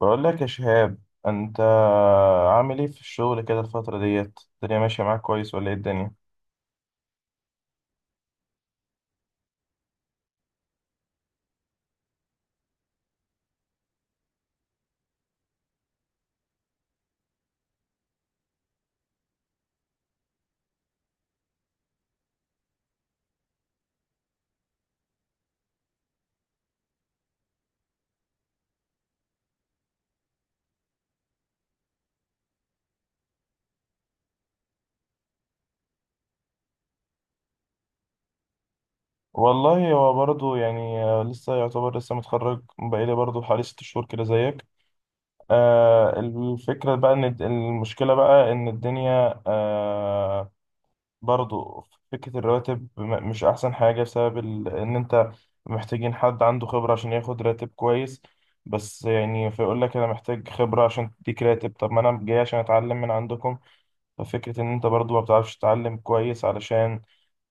بقول لك يا شهاب، انت عامل ايه في الشغل كده الفترة ديت؟ الدنيا ماشية معاك كويس ولا ايه الدنيا؟ والله هو برضه لسه يعتبر لسه متخرج بقالي برضه حوالي ست شهور كده زيك. الفكرة بقى ان المشكلة بقى ان الدنيا آه برضه فكرة الرواتب مش احسن حاجة بسبب ان انت محتاجين حد عنده خبرة عشان ياخد راتب كويس. بس يعني فيقول لك انا محتاج خبرة عشان تديك راتب، طب ما انا جاي عشان اتعلم من عندكم. ففكرة إن أنت برضو ما بتعرفش تتعلم كويس، علشان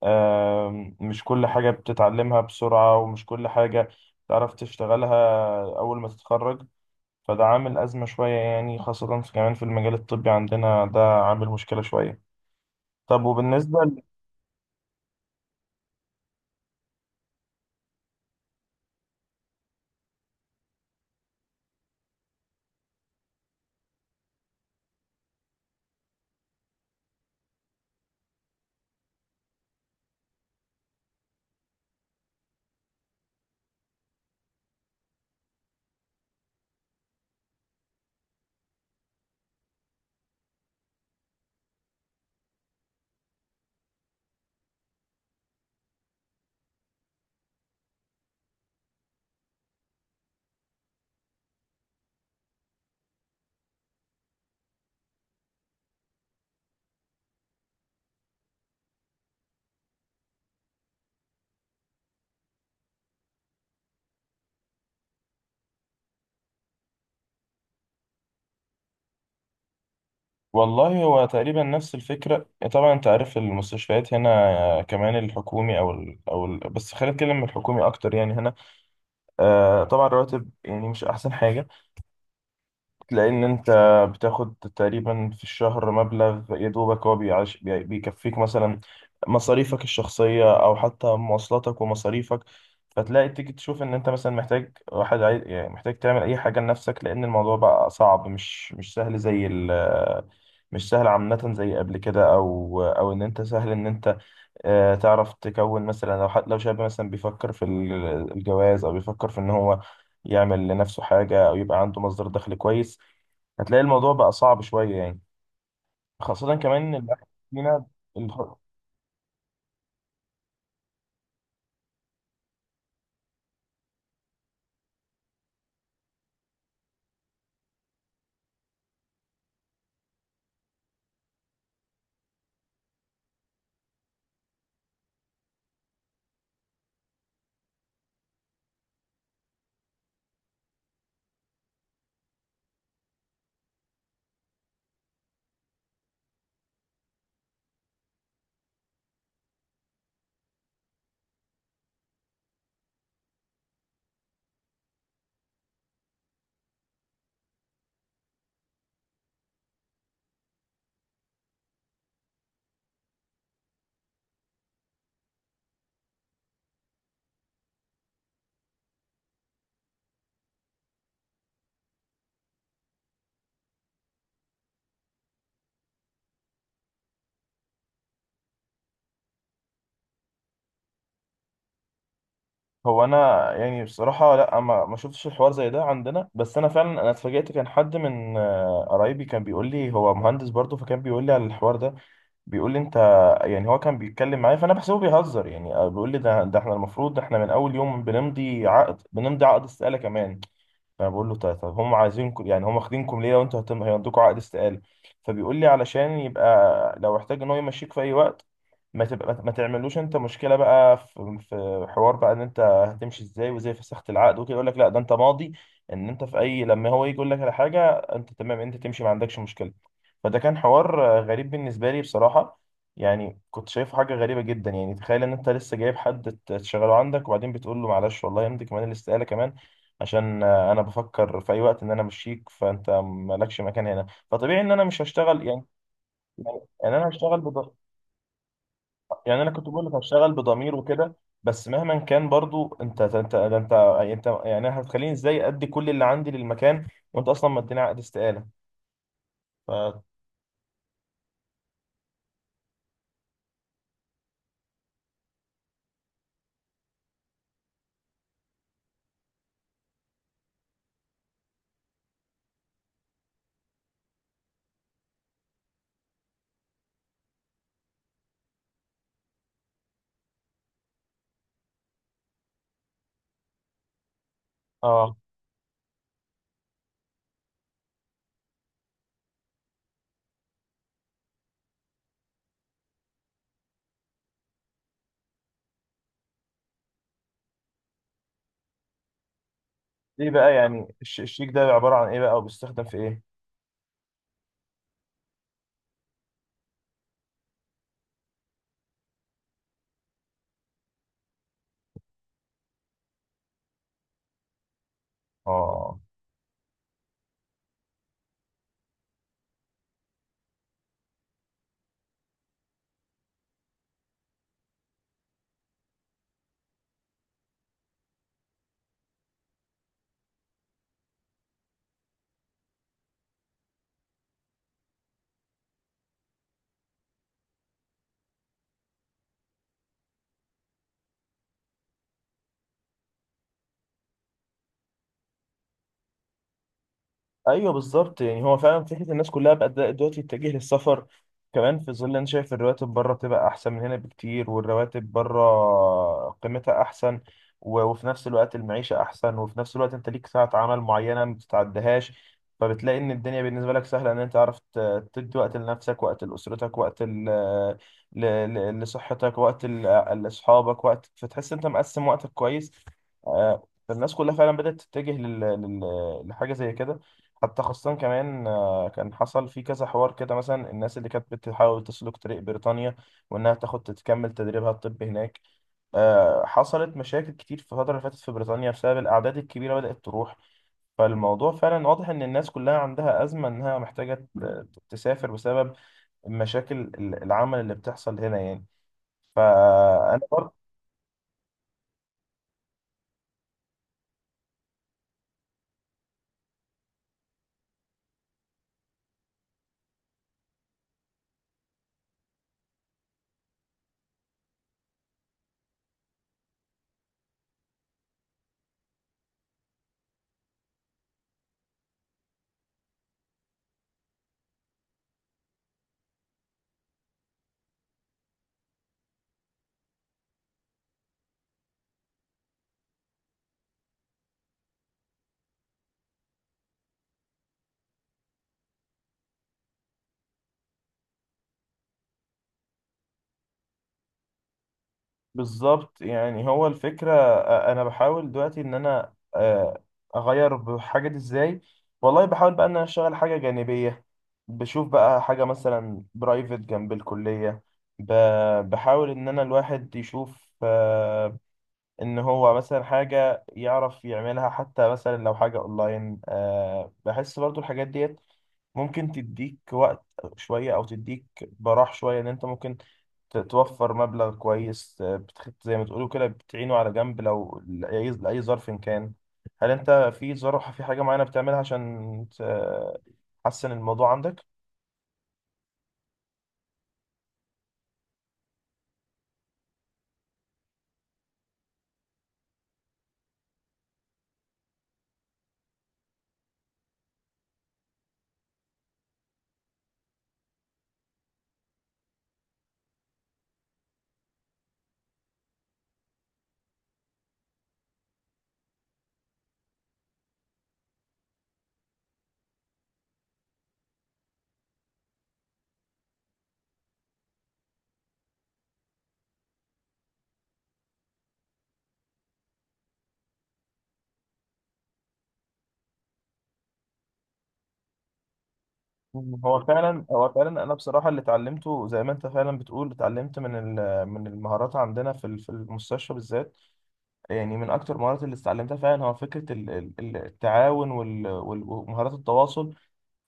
مش كل حاجة بتتعلمها بسرعة ومش كل حاجة تعرف تشتغلها أول ما تتخرج. فده عامل أزمة شوية يعني، خاصة في كمان في المجال الطبي عندنا ده عامل مشكلة شوية. طب وبالنسبة والله هو تقريبا نفس الفكرة. طبعا أنت عارف المستشفيات هنا كمان الحكومي بس خلينا نتكلم من الحكومي أكتر يعني هنا. طبعا الرواتب يعني مش أحسن حاجة، لأن أنت بتاخد تقريبا في الشهر مبلغ يا دوبك هو بيكفيك مثلا مصاريفك الشخصية أو حتى مواصلاتك ومصاريفك. فتلاقي تيجي تشوف إن أنت مثلا محتاج واحد عايز يعني محتاج تعمل أي حاجة لنفسك، لأن الموضوع بقى صعب، مش سهل زي مش سهل عامة زي قبل كده. أو إن أنت سهل إن أنت تعرف تكون مثلا لو حد لو شاب مثلا بيفكر في الجواز أو بيفكر في إن هو يعمل لنفسه حاجة أو يبقى عنده مصدر دخل كويس، هتلاقي الموضوع بقى صعب شوية يعني. خاصة كمان إن الأكل هنا ال- هو أنا يعني بصراحة لأ، ما شفتش الحوار زي ده عندنا، بس أنا فعلا أنا اتفاجأت. كان حد من قرايبي كان بيقول لي، هو مهندس برضه، فكان بيقول لي على الحوار ده، بيقول لي أنت يعني. هو كان بيتكلم معايا فأنا بحسبه بيهزر يعني. بيقول لي ده إحنا المفروض إحنا من أول يوم بنمضي عقد، بنمضي عقد استقالة كمان. فأنا بقول له طب هم عايزينكم يعني هم واخدينكم ليه لو أنتوا هيمضوكوا عقد استقالة؟ فبيقول لي علشان يبقى لو احتاج إن هو يمشيك في أي وقت، ما تبقى ما تعملوش انت مشكله بقى في حوار بقى ان انت هتمشي ازاي وازاي فسخت العقد وكده. يقول لك لا، ده انت ماضي ان انت في اي لما هو يجي يقول لك على حاجه انت تمام، انت تمشي ما عندكش مشكله. فده كان حوار غريب بالنسبه لي بصراحه، يعني كنت شايفه حاجه غريبه جدا. يعني تخيل ان انت لسه جايب حد تشغله عندك وبعدين بتقول له معلش والله يمضي كمان الاستقاله كمان، عشان انا بفكر في اي وقت ان انا امشيك، فانت مالكش مكان هنا. فطبيعي ان انا مش هشتغل يعني. ان انا هشتغل يعني انا كنت بقول لك هشتغل بضمير وكده، بس مهما كان برضو انت انت ده انت انت يعني أنا هتخليني ازاي ادي كل اللي عندي للمكان وانت اصلا مديني عقد استقاله؟ ف اه، ايه بقى يعني الشيك ده عباره عن ايه بقى وبيستخدم في ايه؟ اه، ايوه بالظبط يعني هو فعلا فكره الناس كلها بقت دلوقتي تتجه للسفر، كمان في ظل انا شايف الرواتب بره بتبقى احسن من هنا بكتير، والرواتب بره قيمتها احسن. و- وفي نفس الوقت المعيشه احسن، وفي نفس الوقت انت ليك ساعه عمل معينه ما بتتعدهاش. فبتلاقي ان الدنيا بالنسبه لك سهله، ان انت عرفت تدي وقت لنفسك، وقت لاسرتك، وقت ل... ل... ل... لصحتك، وقت لاصحابك وقت، فتحس انت مقسم وقتك كويس. فالناس كلها فعلا بدات تتجه لحاجه زي كده. حتى خاصة كمان، كان حصل في كذا حوار كده، مثلا الناس اللي كانت بتحاول تسلك طريق بريطانيا وإنها تاخد تكمل تدريبها الطبي هناك، حصلت مشاكل كتير في الفترة اللي فاتت في بريطانيا بسبب الأعداد الكبيرة بدأت تروح. فالموضوع فعلا واضح إن الناس كلها عندها أزمة إنها محتاجة تسافر بسبب مشاكل العمل اللي بتحصل هنا يعني. فأنا بالظبط يعني هو الفكرة، أنا بحاول دلوقتي إن أنا أغير بحاجة دي. إزاي؟ والله بحاول بقى إن أنا أشتغل حاجة جانبية، بشوف بقى حاجة مثلا برايفت جنب الكلية. بحاول إن أنا الواحد يشوف إن هو مثلا حاجة يعرف يعملها، حتى مثلا لو حاجة أونلاين. بحس برضو الحاجات ديت ممكن تديك وقت شوية أو تديك براح شوية إن أنت ممكن توفر مبلغ كويس، زي ما تقولوا كده بتعينه على جنب لو لأي ظرف إن كان. هل أنت في ظرف في حاجة معينة بتعملها عشان تحسن الموضوع عندك؟ مم. هو فعلا أنا بصراحة اللي اتعلمته زي ما أنت فعلا بتقول، اتعلمت من من المهارات عندنا في في المستشفى بالذات. يعني من أكتر المهارات اللي اتعلمتها فعلا هو فكرة التعاون ومهارات التواصل.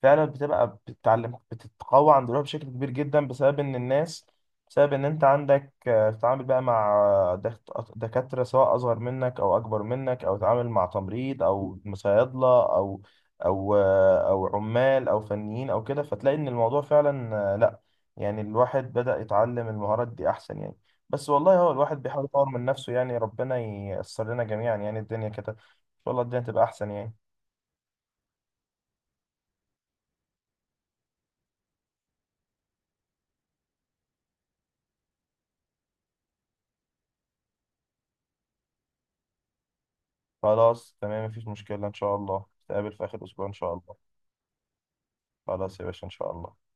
فعلا بتبقى بتتعلم بتتقوى عند روحها بشكل كبير جدا بسبب ان انت عندك، بتتعامل بقى مع دكاترة سواء اصغر منك او اكبر منك، او تتعامل مع تمريض او صيادلة او او عمال او فنيين او كده. فتلاقي ان الموضوع فعلا آه، لا يعني الواحد بدأ يتعلم المهارات دي احسن يعني. بس والله هو الواحد بيحاول يطور من نفسه يعني. ربنا ييسر لنا جميعا يعني. الدنيا كده ان شاء الله الدنيا تبقى احسن يعني. خلاص تمام، مفيش مشكلة، إن شاء الله نتقابل في آخر أسبوع إن شاء الله. خلاص يا باشا، إن شاء الله.